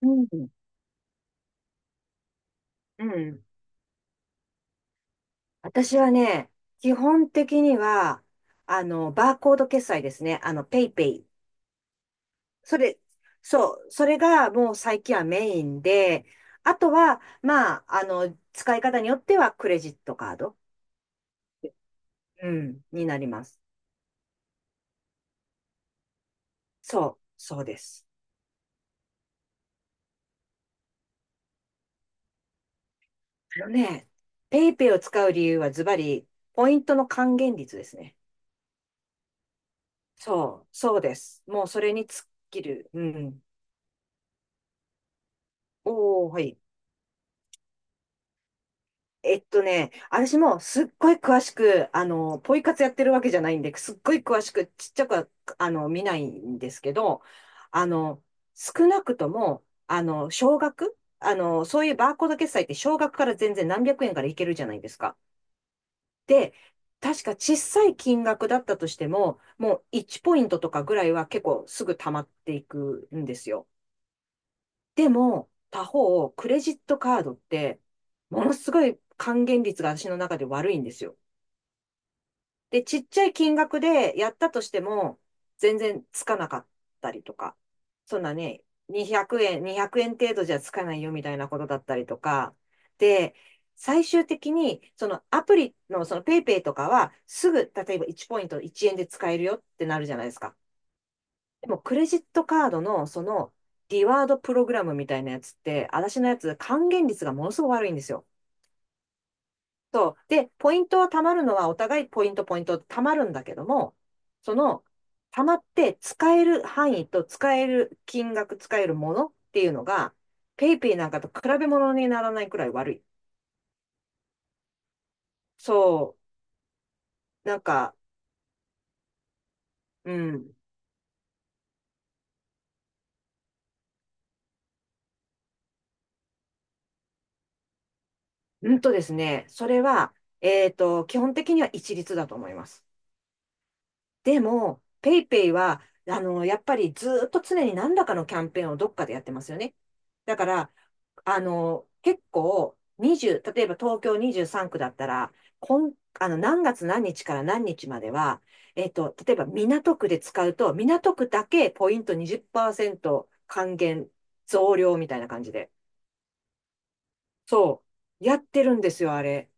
うん。うん、私はね、基本的には、バーコード決済ですね。ペイペイ。それ、そう、それがもう最近はメインで、あとは、まあ、使い方によってはクレジットカード、うん、になります。そう、そうです。あのね、ペイペイを使う理由はズバリ、ポイントの還元率ですね。そう、そうです。もうそれに尽きる。うん。おー、はい。私もすっごい詳しく、ポイ活やってるわけじゃないんで、すっごい詳しく、ちっちゃくは、見ないんですけど、あの、少なくとも、あの、少額あの、そういうバーコード決済って少額から全然何百円からいけるじゃないですか。で、確か小さい金額だったとしても、もう1ポイントとかぐらいは結構すぐ溜まっていくんですよ。でも、他方、クレジットカードって、ものすごい還元率が私の中で悪いんですよ。で、ちっちゃい金額でやったとしても、全然つかなかったりとか、そんなね、200円、200円程度じゃつかないよみたいなことだったりとか、で、最終的に、そのアプリのそのペイペイとかは、すぐ、例えば1ポイント1円で使えるよってなるじゃないですか。でも、クレジットカードの、その、リワードプログラムみたいなやつって、私のやつ、還元率がものすごく悪いんですよ。そう。で、ポイントは貯まるのは、お互いポイント貯まるんだけども、その、貯まって使える範囲と使える金額、使えるものっていうのが、ペイペイなんかと比べ物にならないくらい悪い。そう。なんか、うん。うんとですね、それは、基本的には一律だと思います。でも、ペイペイは、やっぱりずっと常に何らかのキャンペーンをどっかでやってますよね。だから、結構、20、例えば東京23区だったら、こん、あの、何月何日から何日までは、例えば港区で使うと、港区だけポイント20%還元増量みたいな感じで。そう。やってるんですよ、あれ。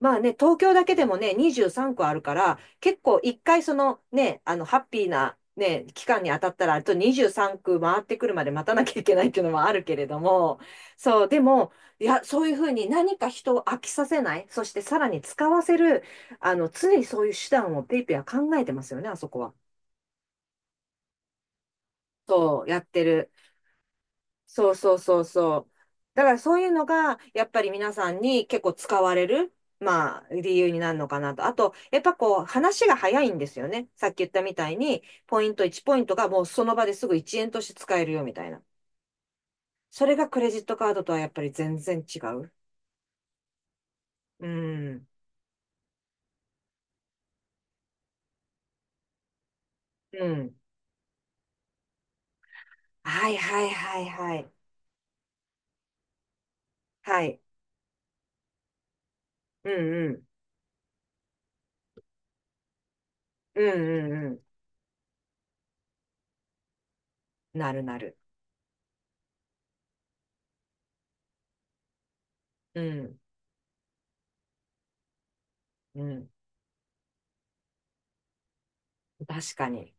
まあね、東京だけでもね、23区あるから、結構一回ハッピーなね、期間に当たったら、あと23区回ってくるまで待たなきゃいけないっていうのもあるけれども、そう、でも、いや、そういうふうに何か人を飽きさせない、そしてさらに使わせる、常にそういう手段をペイペイは考えてますよね、あそこは。そう、やってる。そうそうそうそう。だからそういうのが、やっぱり皆さんに結構使われる、まあ、理由になるのかなと。あと、やっぱこう、話が早いんですよね。さっき言ったみたいに、ポイント1ポイントがもうその場ですぐ1円として使えるよみたいな。それがクレジットカードとはやっぱり全然違う。うん。うん。はいはいはいはい。はい。うんうん。うんうんうん。なるなる。うん。うん。確かに。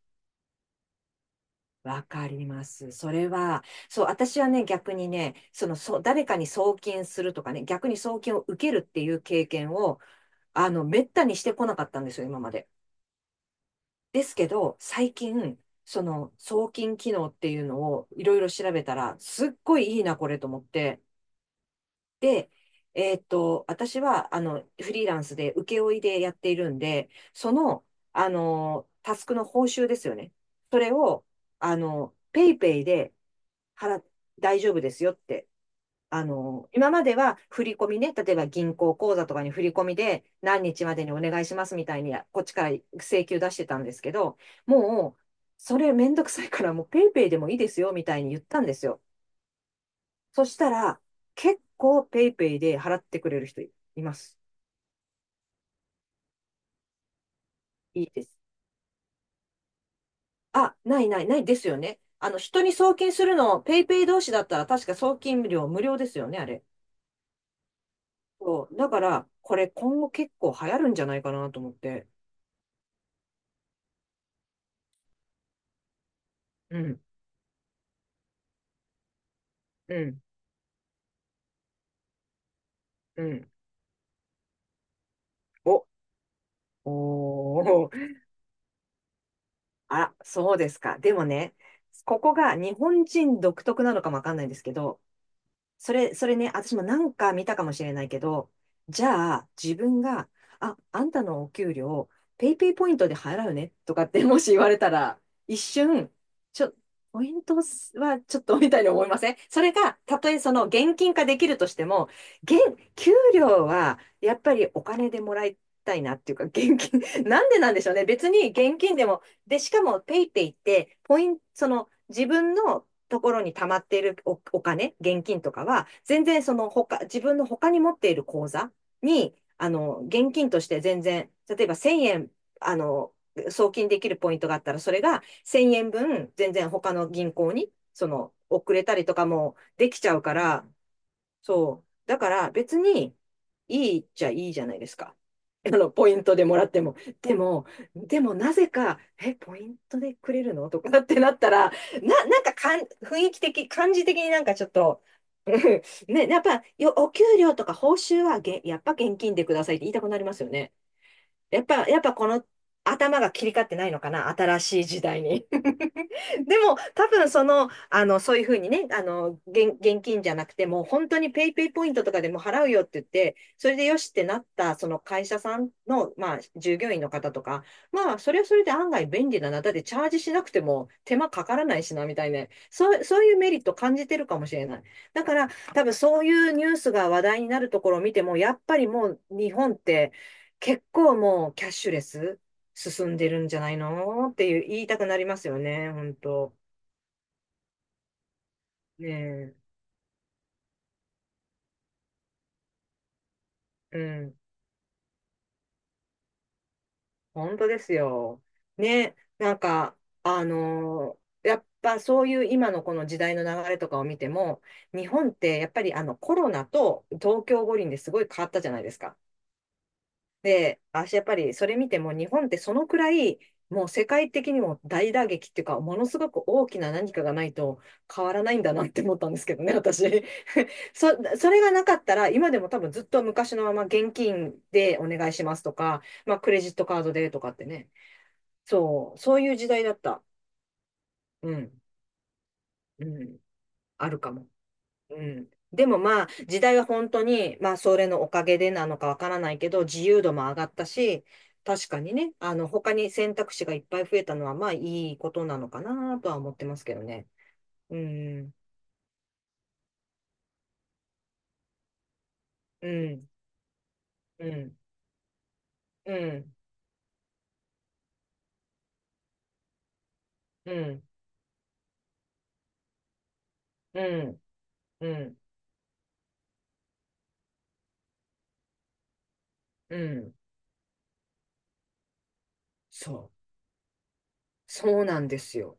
わかります。それは、そう、私はね、逆にね、そう、誰かに送金するとかね、逆に送金を受けるっていう経験を、めったにしてこなかったんですよ、今まで。ですけど、最近、その、送金機能っていうのをいろいろ調べたら、すっごいいいな、これと思って、で、私は、フリーランスで請負いでやっているんで、その、タスクの報酬ですよね。それを、ペイペイで払っ、大丈夫ですよって。今までは振り込みね、例えば銀行口座とかに振り込みで何日までにお願いしますみたいに、こっちから請求出してたんですけど、もう、それめんどくさいからもうペイペイでもいいですよみたいに言ったんですよ。そしたら、結構ペイペイで払ってくれる人います。いいです。あ、ないないないですよね。人に送金するの、ペイペイ同士だったら確か送金料無料ですよね、あれ。そう。だから、これ今後結構流行るんじゃないかなと思って。うん、うん、うん。お、おー。あ、そうですか。でもね、ここが日本人独特なのかもわかんないんですけど、それね、私もなんか見たかもしれないけど、じゃあ自分が、あんたのお給料、ペイペイポイントで払うねとかってもし言われたら、一瞬、ちょ、ポイントはちょっとみたいに思いません？それが、たとえその現金化できるとしても、現、給料はやっぱりお金でもらいたいなっていうか、現金、なんでなんでしょうね。別に現金でも、で、しかもペイペイって、ポイント、その自分のところに溜まっているお金、現金とかは、全然その他、自分の他に持っている口座に、現金として全然、例えば1000円、あの、送金できるポイントがあったら、それが1000円分、全然他の銀行に、その、遅れたりとかもできちゃうから、そう。だから別にいいっちゃいいじゃないですか。ポイントでもらっても。でも、でもなぜか、ポイントでくれるのとかってなったら、な、なんかかん、雰囲気的、感じ的になんかちょっと、うんね、やっぱよ、お給料とか報酬はやっぱ現金でくださいって言いたくなりますよね。やっぱこの頭が切り替わってないのかな、新しい時代に。でも、多分そういうふうにね、現金じゃなくても、本当にペイペイポイントとかでも払うよって言って、それでよしってなった、その会社さんの、まあ、従業員の方とか、まあ、それはそれで案外便利だな。だってチャージしなくても手間かからないしな、みたいな。そう、そういうメリット感じてるかもしれない。だから、多分そういうニュースが話題になるところを見ても、やっぱりもう日本って結構もうキャッシュレス。進んでるんじゃないのっていう言いたくなりますよね、本当。ねえ、うん、本当ですよ。ね、なんか、やっぱそういう今のこの時代の流れとかを見ても、日本ってやっぱりあのコロナと東京五輪ですごい変わったじゃないですか。で、やっぱりそれ見ても日本ってそのくらい、もう世界的にも大打撃っていうか、ものすごく大きな何かがないと変わらないんだなって思ったんですけどね、私。そ、それがなかったら、今でも多分ずっと昔のまま現金でお願いしますとか、まあクレジットカードでとかってね。そう、そういう時代だった。うん、うん、あるかも。うん。でもまあ、時代は本当に、まあ、それのおかげでなのかわからないけど、自由度も上がったし、確かにね、他に選択肢がいっぱい増えたのは、まあ、いいことなのかなとは思ってますけどね。うん、うん、うん、うん、うん、うん、うん、うん。そう。そうなんですよ。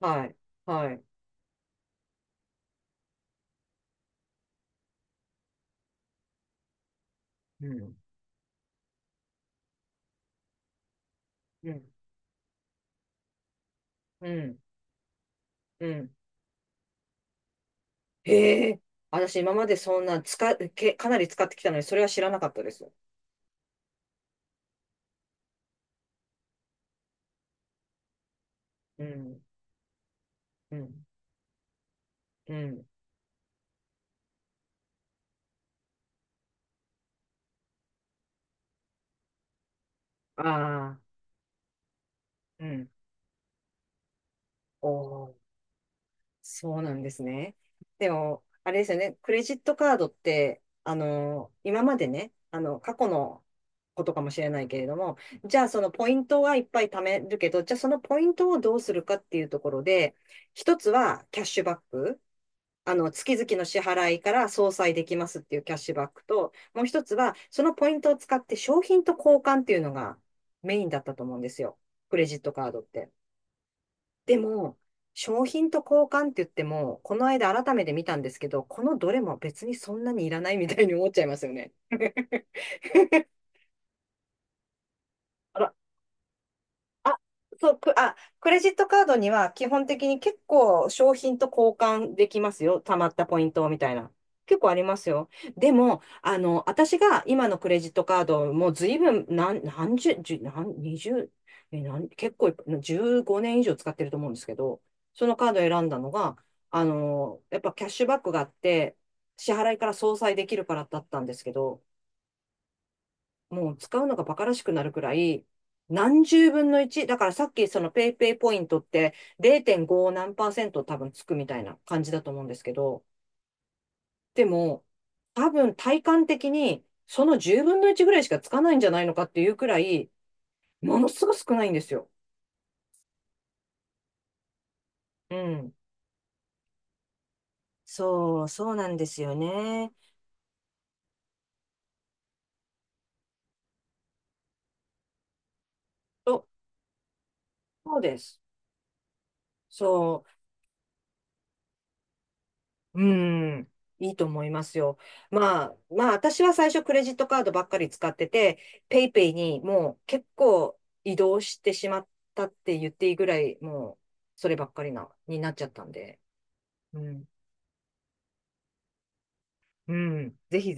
はい、はい。うん、うん、うん、うん。へえ、私今までそんな使っ、け、かなり使ってきたのに、それは知らなかったです。うん、うん。うん。ああ、うん。おお、そうなんですね。でも、あれですよね。クレジットカードって、今までね、過去のことかもしれないけれども、じゃあそのポイントはいっぱい貯めるけど、じゃあそのポイントをどうするかっていうところで、一つはキャッシュバック。月々の支払いから相殺できますっていうキャッシュバックと、もう一つは、そのポイントを使って商品と交換っていうのがメインだったと思うんですよ。クレジットカードって。でも、商品と交換って言っても、この間改めて見たんですけど、このどれも別にそんなにいらないみたいに思っちゃいますよね。あらあ、そう、クレジットカードには基本的に結構商品と交換できますよ。貯まったポイントみたいな。結構ありますよ。でも、私が今のクレジットカードもう随分何、何十、十、何、二十、え、何、結構いっぱい15年以上使ってると思うんですけど、そのカードを選んだのが、やっぱキャッシュバックがあって、支払いから相殺できるからだったんですけど、もう使うのが馬鹿らしくなるくらい、何十分の1。だからさっきそのペイペイポイントって0.5何パーセント多分つくみたいな感じだと思うんですけど、でも多分体感的にその10分の1ぐらいしかつかないんじゃないのかっていうくらい、ものすごく少ないんですよ。うん。そう、そうなんですよね。そうそうです。そう。うん、いいと思いますよ。まあ、まあ、私は最初クレジットカードばっかり使ってて、ペイペイにもう結構移動してしまったって言っていいぐらい、もうそればっかりになっちゃったんで、うん、うん、ぜひ